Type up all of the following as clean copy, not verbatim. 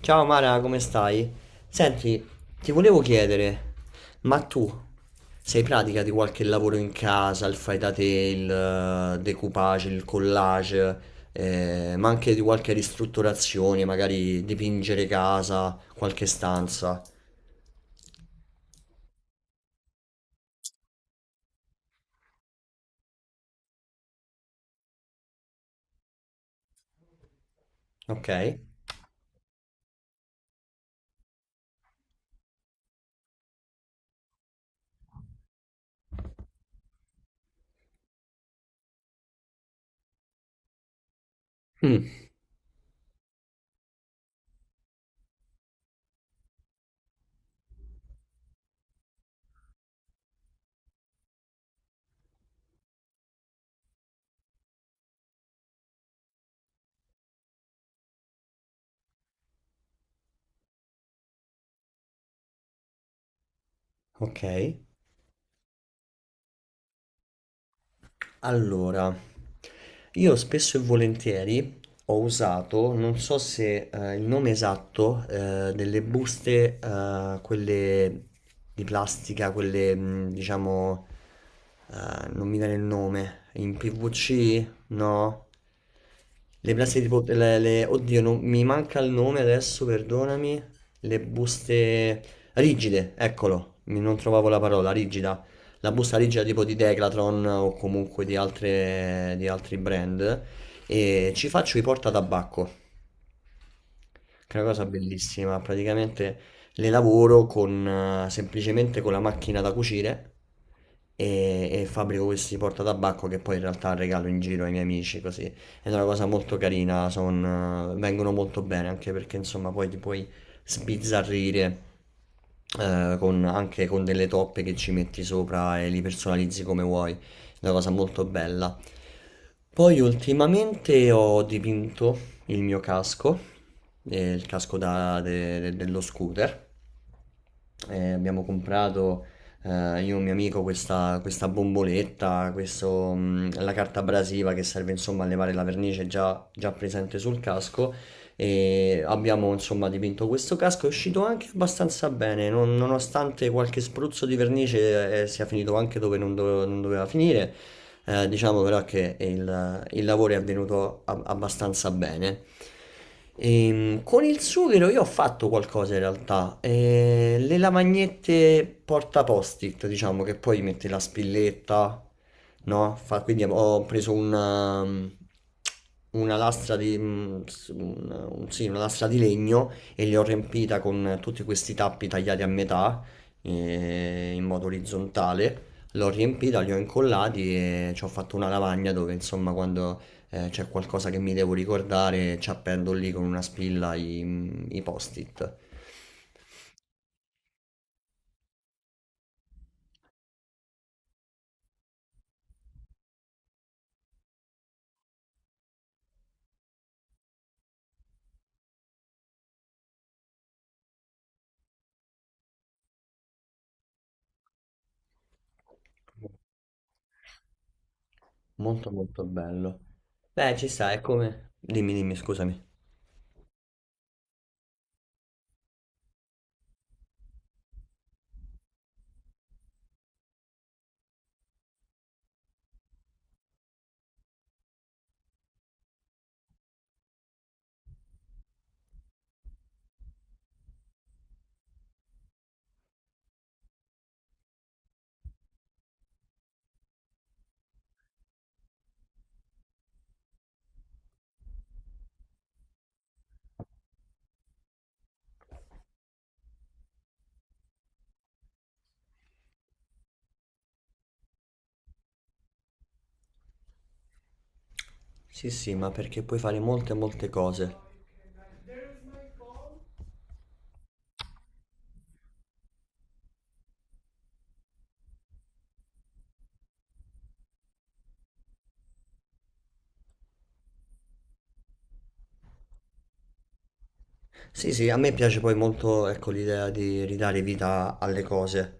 Ciao Mara, come stai? Senti, ti volevo chiedere, ma tu sei pratica di qualche lavoro in casa, il fai da te, il decoupage, il collage, ma anche di qualche ristrutturazione, magari dipingere casa, qualche stanza, ok? Mm. Ok. Allora, io spesso e volentieri ho usato, non so se il nome esatto, delle buste, quelle di plastica, quelle diciamo, non mi viene il nome, in PVC? No? Le plastiche tipo, oddio, non, mi manca il nome adesso, perdonami, le buste rigide, eccolo, non trovavo la parola, rigida la busta grigia tipo di Decathlon o comunque di altre, di altri brand e ci faccio i portatabacco che è una cosa bellissima. Praticamente le lavoro con, semplicemente con la macchina da cucire e fabbrico questi portatabacco che poi in realtà regalo in giro ai miei amici così. Ed è una cosa molto carina, vengono molto bene anche perché insomma poi ti puoi sbizzarrire. Anche con delle toppe che ci metti sopra e li personalizzi come vuoi, è una cosa molto bella. Poi ultimamente ho dipinto il mio casco e il casco dello scooter. E abbiamo comprato io e un mio amico questa bomboletta, la carta abrasiva che serve insomma a levare la vernice già presente sul casco e abbiamo insomma dipinto questo casco, è uscito anche abbastanza bene, nonostante qualche spruzzo di vernice sia finito anche dove non doveva finire. Diciamo però che il lavoro è avvenuto abbastanza bene. Con il sughero io ho fatto qualcosa in realtà. Le lavagnette porta post-it, diciamo che poi metti la spilletta, no? Quindi ho preso una lastra di, sì, una lastra di legno e li ho riempita con tutti questi tappi tagliati a metà in modo orizzontale. L'ho riempita, li ho incollati e ci ho fatto una lavagna dove insomma quando c'è qualcosa che mi devo ricordare ci appendo lì con una spilla i post-it. Molto molto bello. Beh, ci sta, è come... Dimmi, dimmi, scusami. Sì, sì, ma perché puoi fare molte molte cose. Sì, sì, a me piace poi molto, ecco, l'idea di ridare vita alle cose,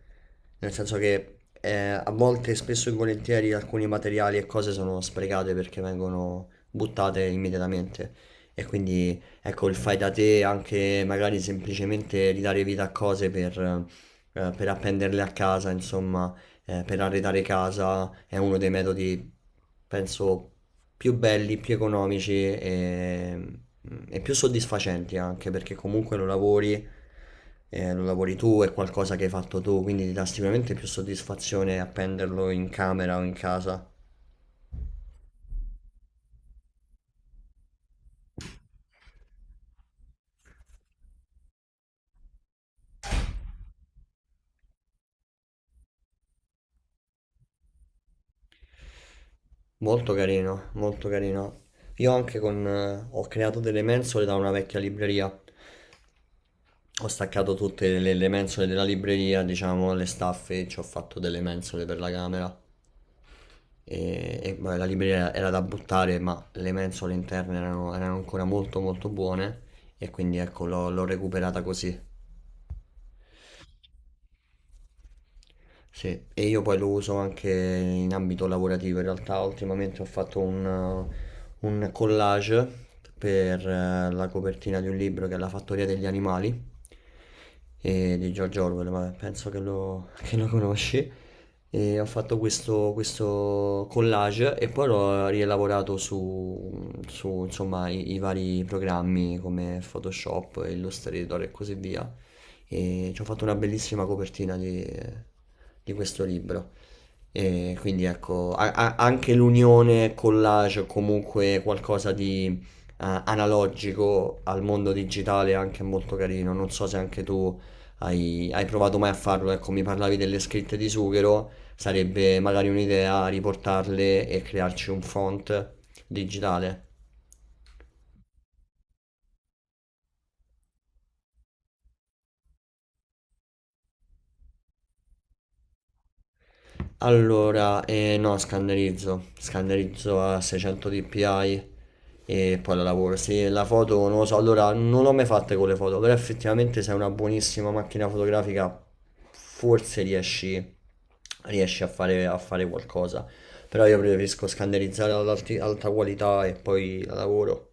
nel senso che a volte, spesso e volentieri, alcuni materiali e cose sono sprecate perché vengono buttate immediatamente e quindi, ecco, il fai da te, anche magari semplicemente ridare vita a cose per appenderle a casa, insomma, per arredare casa, è uno dei metodi, penso, più belli, più economici e più soddisfacenti anche perché comunque lo lavori tu, è qualcosa che hai fatto tu, quindi ti dà sicuramente più soddisfazione appenderlo in camera o in casa. Molto carino, molto carino. Io anche con, ho creato delle mensole da una vecchia libreria. Ho staccato tutte le mensole della libreria, diciamo, le staffe, ci ho fatto delle mensole per la camera. Vabbè, la libreria era da buttare, ma le mensole interne erano ancora molto molto buone e quindi ecco l'ho recuperata così. Sì, e io poi lo uso anche in ambito lavorativo. In realtà ultimamente ho fatto un collage per la copertina di un libro che è La fattoria degli animali e di George Orwell, ma penso che lo conosci. E ho fatto questo collage e poi l'ho rielaborato insomma, i vari programmi come Photoshop, Illustrator e così via e ci ho fatto una bellissima copertina di questo libro. E quindi ecco, anche l'unione collage o comunque qualcosa di analogico al mondo digitale è anche molto carino. Non so se anche tu hai provato mai a farlo. Ecco, mi parlavi delle scritte di Sughero, sarebbe magari un'idea riportarle e crearci un font digitale. Allora, no, scannerizzo a 600 dpi e poi la lavoro. Sì, la foto non lo so, allora non l'ho mai fatta con le foto, però effettivamente se hai una buonissima macchina fotografica forse riesci a a fare qualcosa, però io preferisco scannerizzare ad alta qualità e poi la lavoro.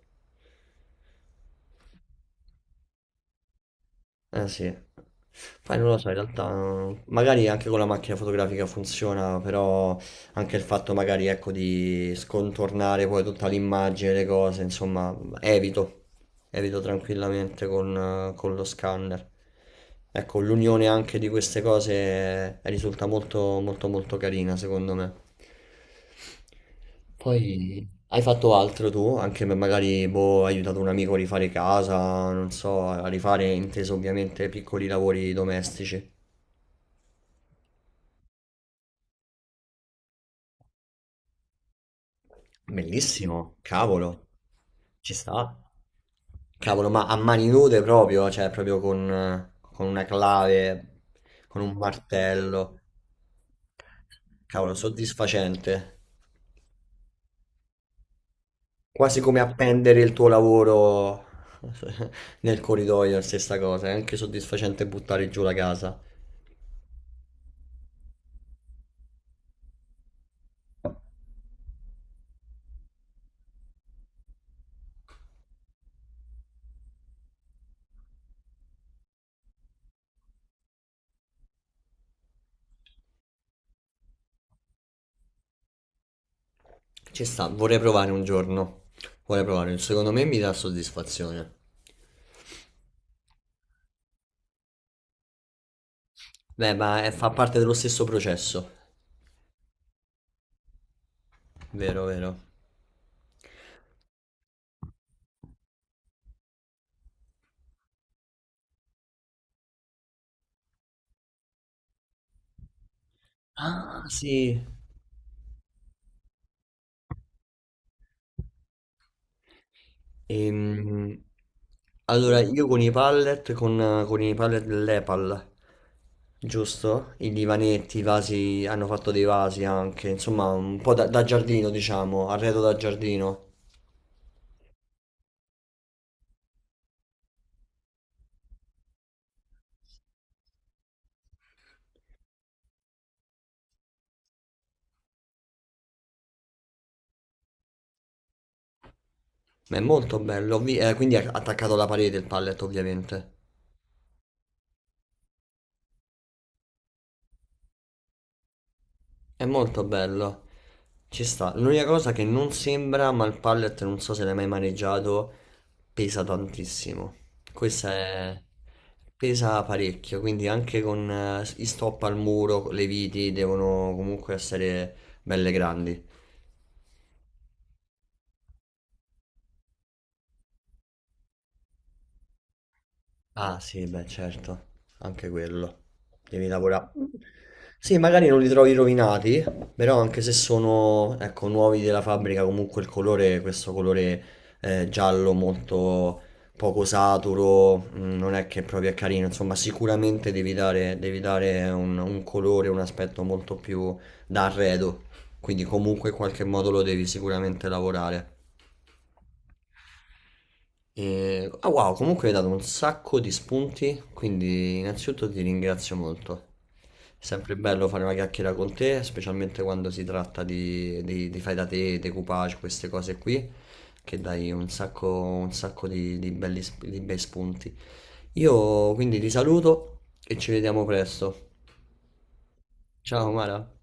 Eh sì, poi non lo so, in realtà magari anche con la macchina fotografica funziona, però anche il fatto magari ecco di scontornare poi tutta l'immagine, le cose, insomma, evito tranquillamente con lo scanner. Ecco, l'unione anche di queste cose risulta molto molto molto carina secondo me. Poi hai fatto altro tu? Anche per magari, boh, hai aiutato un amico a rifare casa, non so, a rifare, inteso ovviamente, piccoli lavori domestici. Bellissimo, cavolo, ci sta. Cavolo, ma a mani nude proprio, cioè proprio con una clave, con un martello. Cavolo, soddisfacente. Quasi come appendere il tuo lavoro nel corridoio, la stessa cosa. È anche soddisfacente buttare giù la casa. Ci sta, vorrei provare un giorno. Vorrei provare, secondo me mi dà soddisfazione. Beh, ma fa parte dello stesso processo. Vero, vero. Ah, sì. Ehm, allora, io con i pallet, con i pallet dell'Epal, giusto? I divanetti, i vasi, hanno fatto dei vasi anche, insomma, un po' da, da giardino, diciamo, arredo da giardino. Ma è molto bello, quindi è attaccato alla parete il pallet, ovviamente. È molto bello. Ci sta. L'unica cosa che non sembra, ma il pallet non so se l'hai mai maneggiato, pesa tantissimo. Questa è... pesa parecchio, quindi anche con i stop al muro, le viti devono comunque essere belle grandi. Ah sì, beh certo, anche quello. Devi lavorare. Sì, magari non li trovi rovinati, però anche se sono, ecco, nuovi della fabbrica, comunque il colore, questo colore giallo molto poco saturo, non è che proprio è carino, insomma sicuramente devi dare un colore, un aspetto molto più da arredo, quindi comunque in qualche modo lo devi sicuramente lavorare. E... Ah wow, comunque hai dato un sacco di spunti, quindi innanzitutto ti ringrazio molto. È sempre bello fare una chiacchiera con te, specialmente quando si tratta di fai da te, decoupage, queste cose qui, che dai un sacco di di bei spunti. Io quindi ti saluto e ci vediamo presto. Ciao Mara.